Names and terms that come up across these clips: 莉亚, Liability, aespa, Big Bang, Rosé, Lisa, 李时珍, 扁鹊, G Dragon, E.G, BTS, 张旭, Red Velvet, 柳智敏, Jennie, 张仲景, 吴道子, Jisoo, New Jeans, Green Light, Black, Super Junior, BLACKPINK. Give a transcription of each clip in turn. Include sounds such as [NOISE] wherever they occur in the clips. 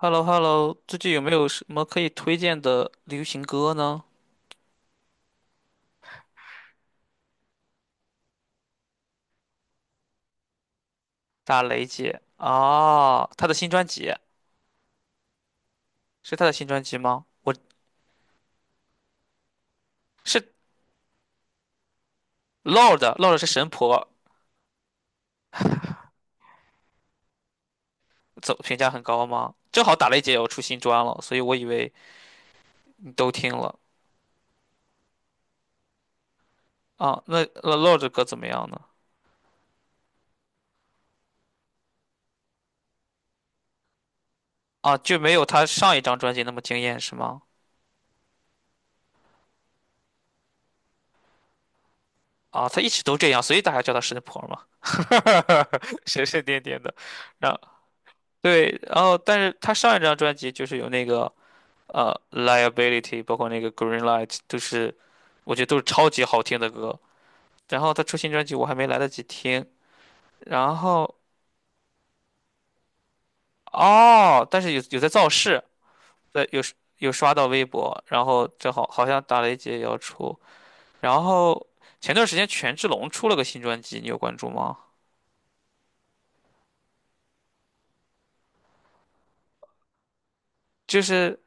h e l l o h e l l o 最近有没有什么可以推荐的流行歌呢？打雷姐啊，她的新专辑，是她的新专辑吗？我是 Lord，Lord 是神婆，走评价很高吗？正好打雷姐也要出新专了，所以我以为你都听了啊。那 Lord 的歌怎么样呢？啊，就没有她上一张专辑那么惊艳是吗？啊，她一直都这样，所以大家叫她神婆嘛，[LAUGHS] 神神颠颠的。然后对，然后但是她上一张专辑就是有那个。Liability，包括那个 Green Light，都是我觉得都是超级好听的歌。然后他出新专辑，我还没来得及听。然后哦，但是有在造势，在有，有刷到微博，然后正好好像打雷姐也要出。然后前段时间权志龙出了个新专辑，你有关注吗？就是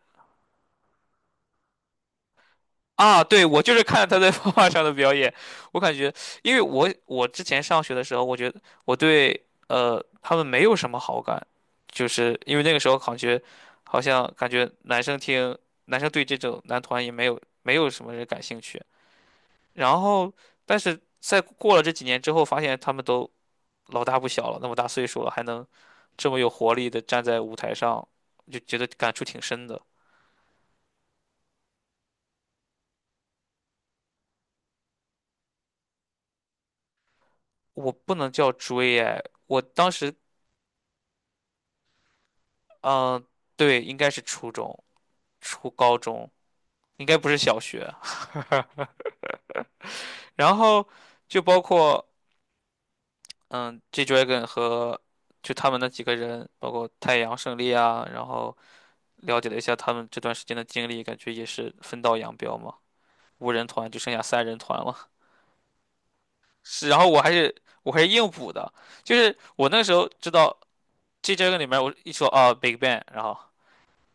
啊，对，我就是看他在画画上的表演，我感觉，因为我之前上学的时候，我觉得我对他们没有什么好感，就是因为那个时候感觉好像感觉男生听男生对这种男团也没有什么人感兴趣，然后但是在过了这几年之后，发现他们都老大不小了，那么大岁数了，还能这么有活力的站在舞台上，就觉得感触挺深的。我不能叫追哎，我当时嗯，对，应该是初中、初高中，应该不是小学。然后就包括嗯，G Dragon 和就他们那几个人，包括太阳胜利啊，然后了解了一下他们这段时间的经历，感觉也是分道扬镳嘛。五人团就剩下三人团了。是，然后我还是硬补的，就是我那时候知道 G Dragon 里面我一说啊 Big Bang,然后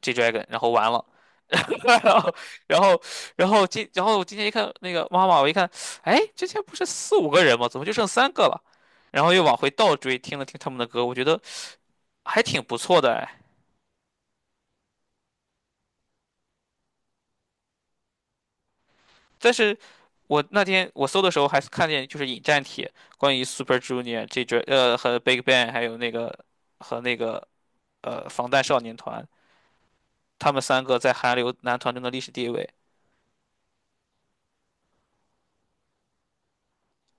G Dragon,然后完了。然后，然后，然后今，然后我今天一看那个妈妈，我一看，哎，之前不是四五个人吗？怎么就剩三个了？然后又往回倒追，听了听他们的歌，我觉得还挺不错的哎。但是我那天我搜的时候还是看见就是引战帖，关于 Super Junior 这支和 Big Bang 还有那个和那个防弹少年团，他们三个在韩流男团中的历史地位。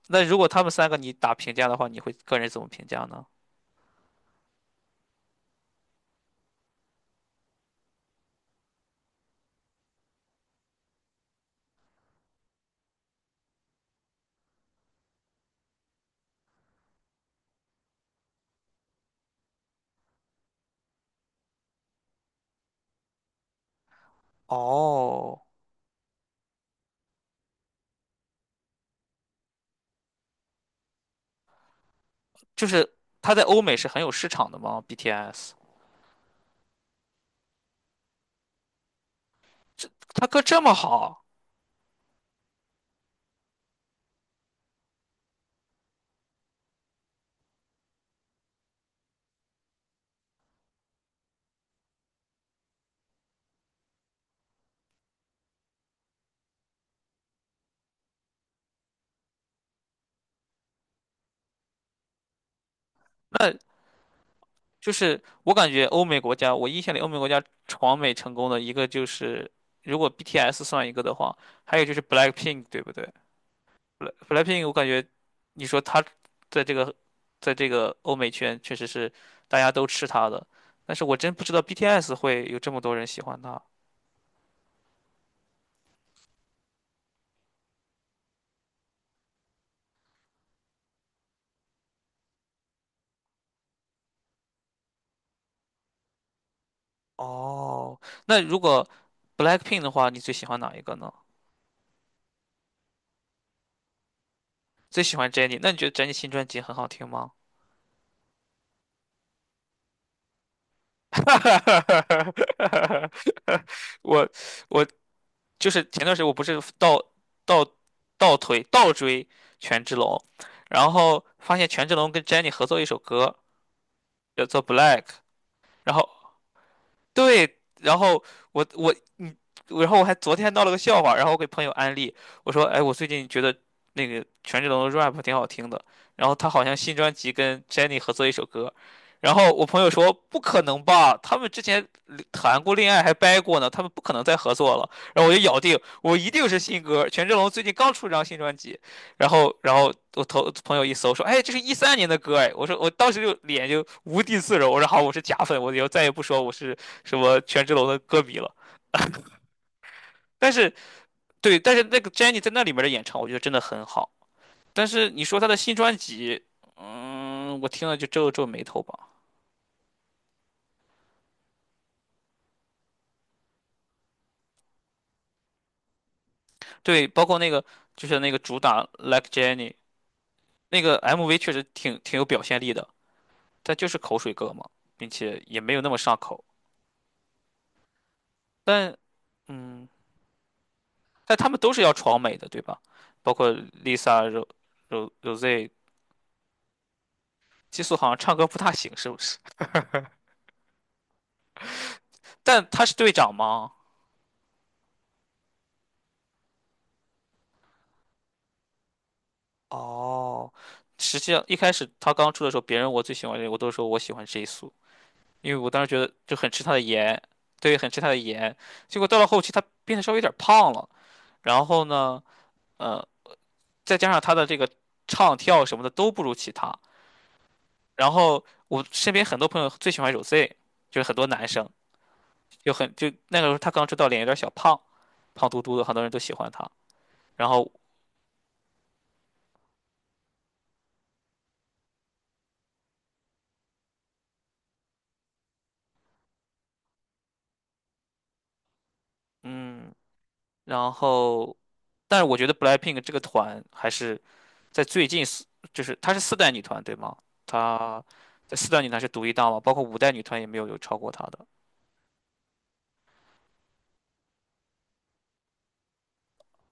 那如果他们三个你打评价的话，你会个人怎么评价呢？哦。就是他在欧美是很有市场的吗？BTS,他歌这么好，那就是我感觉欧美国家，我印象里欧美国家闯美成功的一个就是，如果 BTS 算一个的话，还有就是 BLACKPINK,对不对BLACKPINK，我感觉你说他在这个在这个欧美圈确实是大家都吃他的，但是我真不知道 BTS 会有这么多人喜欢他。哦，那如果 BLACKPINK 的话，你最喜欢哪一个呢？最喜欢 Jennie,那你觉得 Jennie 新专辑很好听吗？[LAUGHS] 我我就是前段时间我不是倒倒推倒追权志龙，然后发现权志龙跟 Jennie 合作一首歌叫做《Black》,然后对，然后我我嗯，然后我还昨天闹了个笑话，然后我给朋友安利，我说，哎，我最近觉得那个权志龙的 rap 挺好听的，然后他好像新专辑跟 Jennie 合作一首歌，然后我朋友说不可能吧，他们之前谈过恋爱还掰过呢，他们不可能再合作了，然后我就咬定我一定是新歌，权志龙最近刚出一张新专辑，然后我头朋友一搜说，哎，这是一三年的歌哎，我说我当时就脸就无地自容，我说好，我是假粉，我以后再也不说我是。什么权志龙的歌迷了。但是对，但是那个 j e n n i e 在那里面的演唱，我觉得真的很好。但是你说她的新专辑，嗯，我听了就皱皱眉头吧。对，包括那个就是那个主打 Like j e n n i e 那个 MV 确实挺挺有表现力的，但就是口水歌嘛，并且也没有那么上口。但嗯，但他们都是要闯美的，对吧？包括 Lisa、Rose,激素好像唱歌不大行，是不是？但他是队长吗？哦，实际上一开始他刚出的时候，别人我最喜欢谁，我都说我喜欢 j i s o 因为我当时觉得就很吃他的颜，对，很吃他的颜。结果到了后期，他变得稍微有点胖了，然后呢，呃，再加上他的这个唱跳什么的都不如其他。然后我身边很多朋友最喜欢 Rosé,就是很多男生就很就那个时候他刚出道，脸有点小胖，胖嘟嘟的，很多人都喜欢他。然后嗯，然后。但是我觉得 BLACKPINK 这个团还是在最近四，就是她是四代女团对吗？她在四代女团是独一档嘛，包括五代女团也没有有超过她的。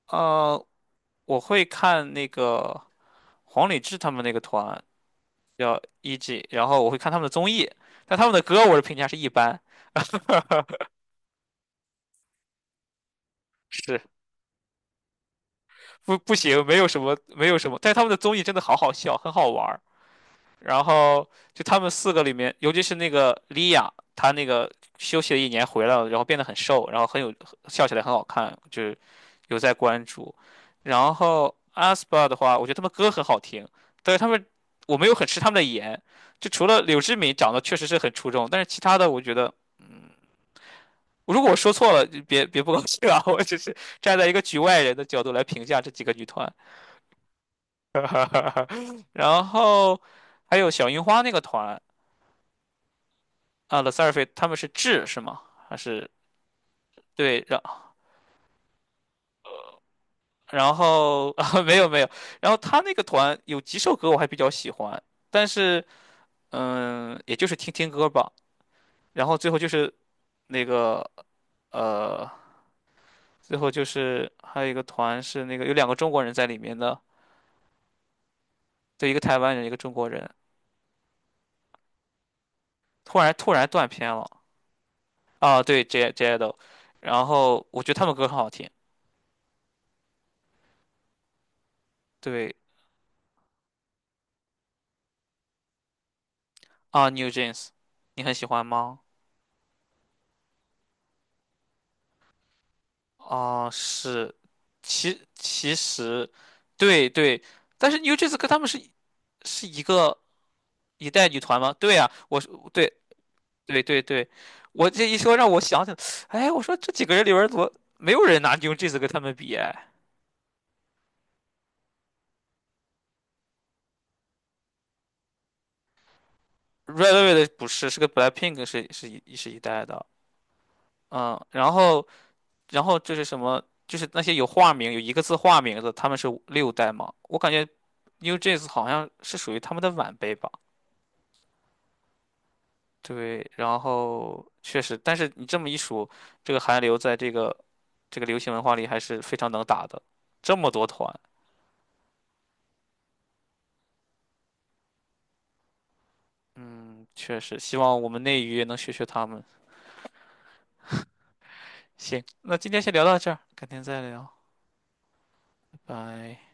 呃，我会看那个黄礼志他们那个团叫 E.G,然后我会看他们的综艺，但他们的歌我的评价是一般，是不行，没有什么，但是他们的综艺真的好好笑，很好玩儿。然后就他们四个里面，尤其是那个莉亚，她那个休息了一年回来了，然后变得很瘦，然后很有笑起来很好看，就是有在关注。然后 aespa 的话，我觉得他们歌很好听，但是他们我没有很吃他们的颜，就除了柳智敏长得确实是很出众，但是其他的我觉得，嗯，如果我说错了，就别不高兴啊，[LAUGHS] 我只是站在一个局外人的角度来评价这几个女团，[LAUGHS] 然后还有小樱花那个团。啊 t h e s u r f i 他们是智是吗？还是对，然后啊 [LAUGHS] 没有没有，然后他那个团有几首歌我还比较喜欢，但是嗯，也就是听听歌吧。然后最后就是那个呃，最后就是还有一个团是那个有两个中国人在里面的，对，一个台湾人，一个中国人，突然断片了啊，对，J a d o 然后我觉得他们歌很好听，对啊，New Jeans,你很喜欢吗？啊，是，其实，对对，但是 New Jeans 跟他们是是一个一代女团吗？对呀、我是对对对对，我这一说让我想起来，哎，我说这几个人里边儿怎么没有人拿 New Jeans 跟他们比？哎，Red Velvet 不是，是个 BLACKPINK 是是一代的，嗯，然后就是什么，就是那些有化名有一个字化名的，他们是六代嘛？我感觉 New Jeans 好像是属于他们的晚辈吧。对，然后确实，但是你这么一数，这个韩流在这个流行文化里还是非常能打的，这么多团，嗯，确实，希望我们内娱也能学学他们。行，那今天先聊到这儿，改天再聊，拜拜。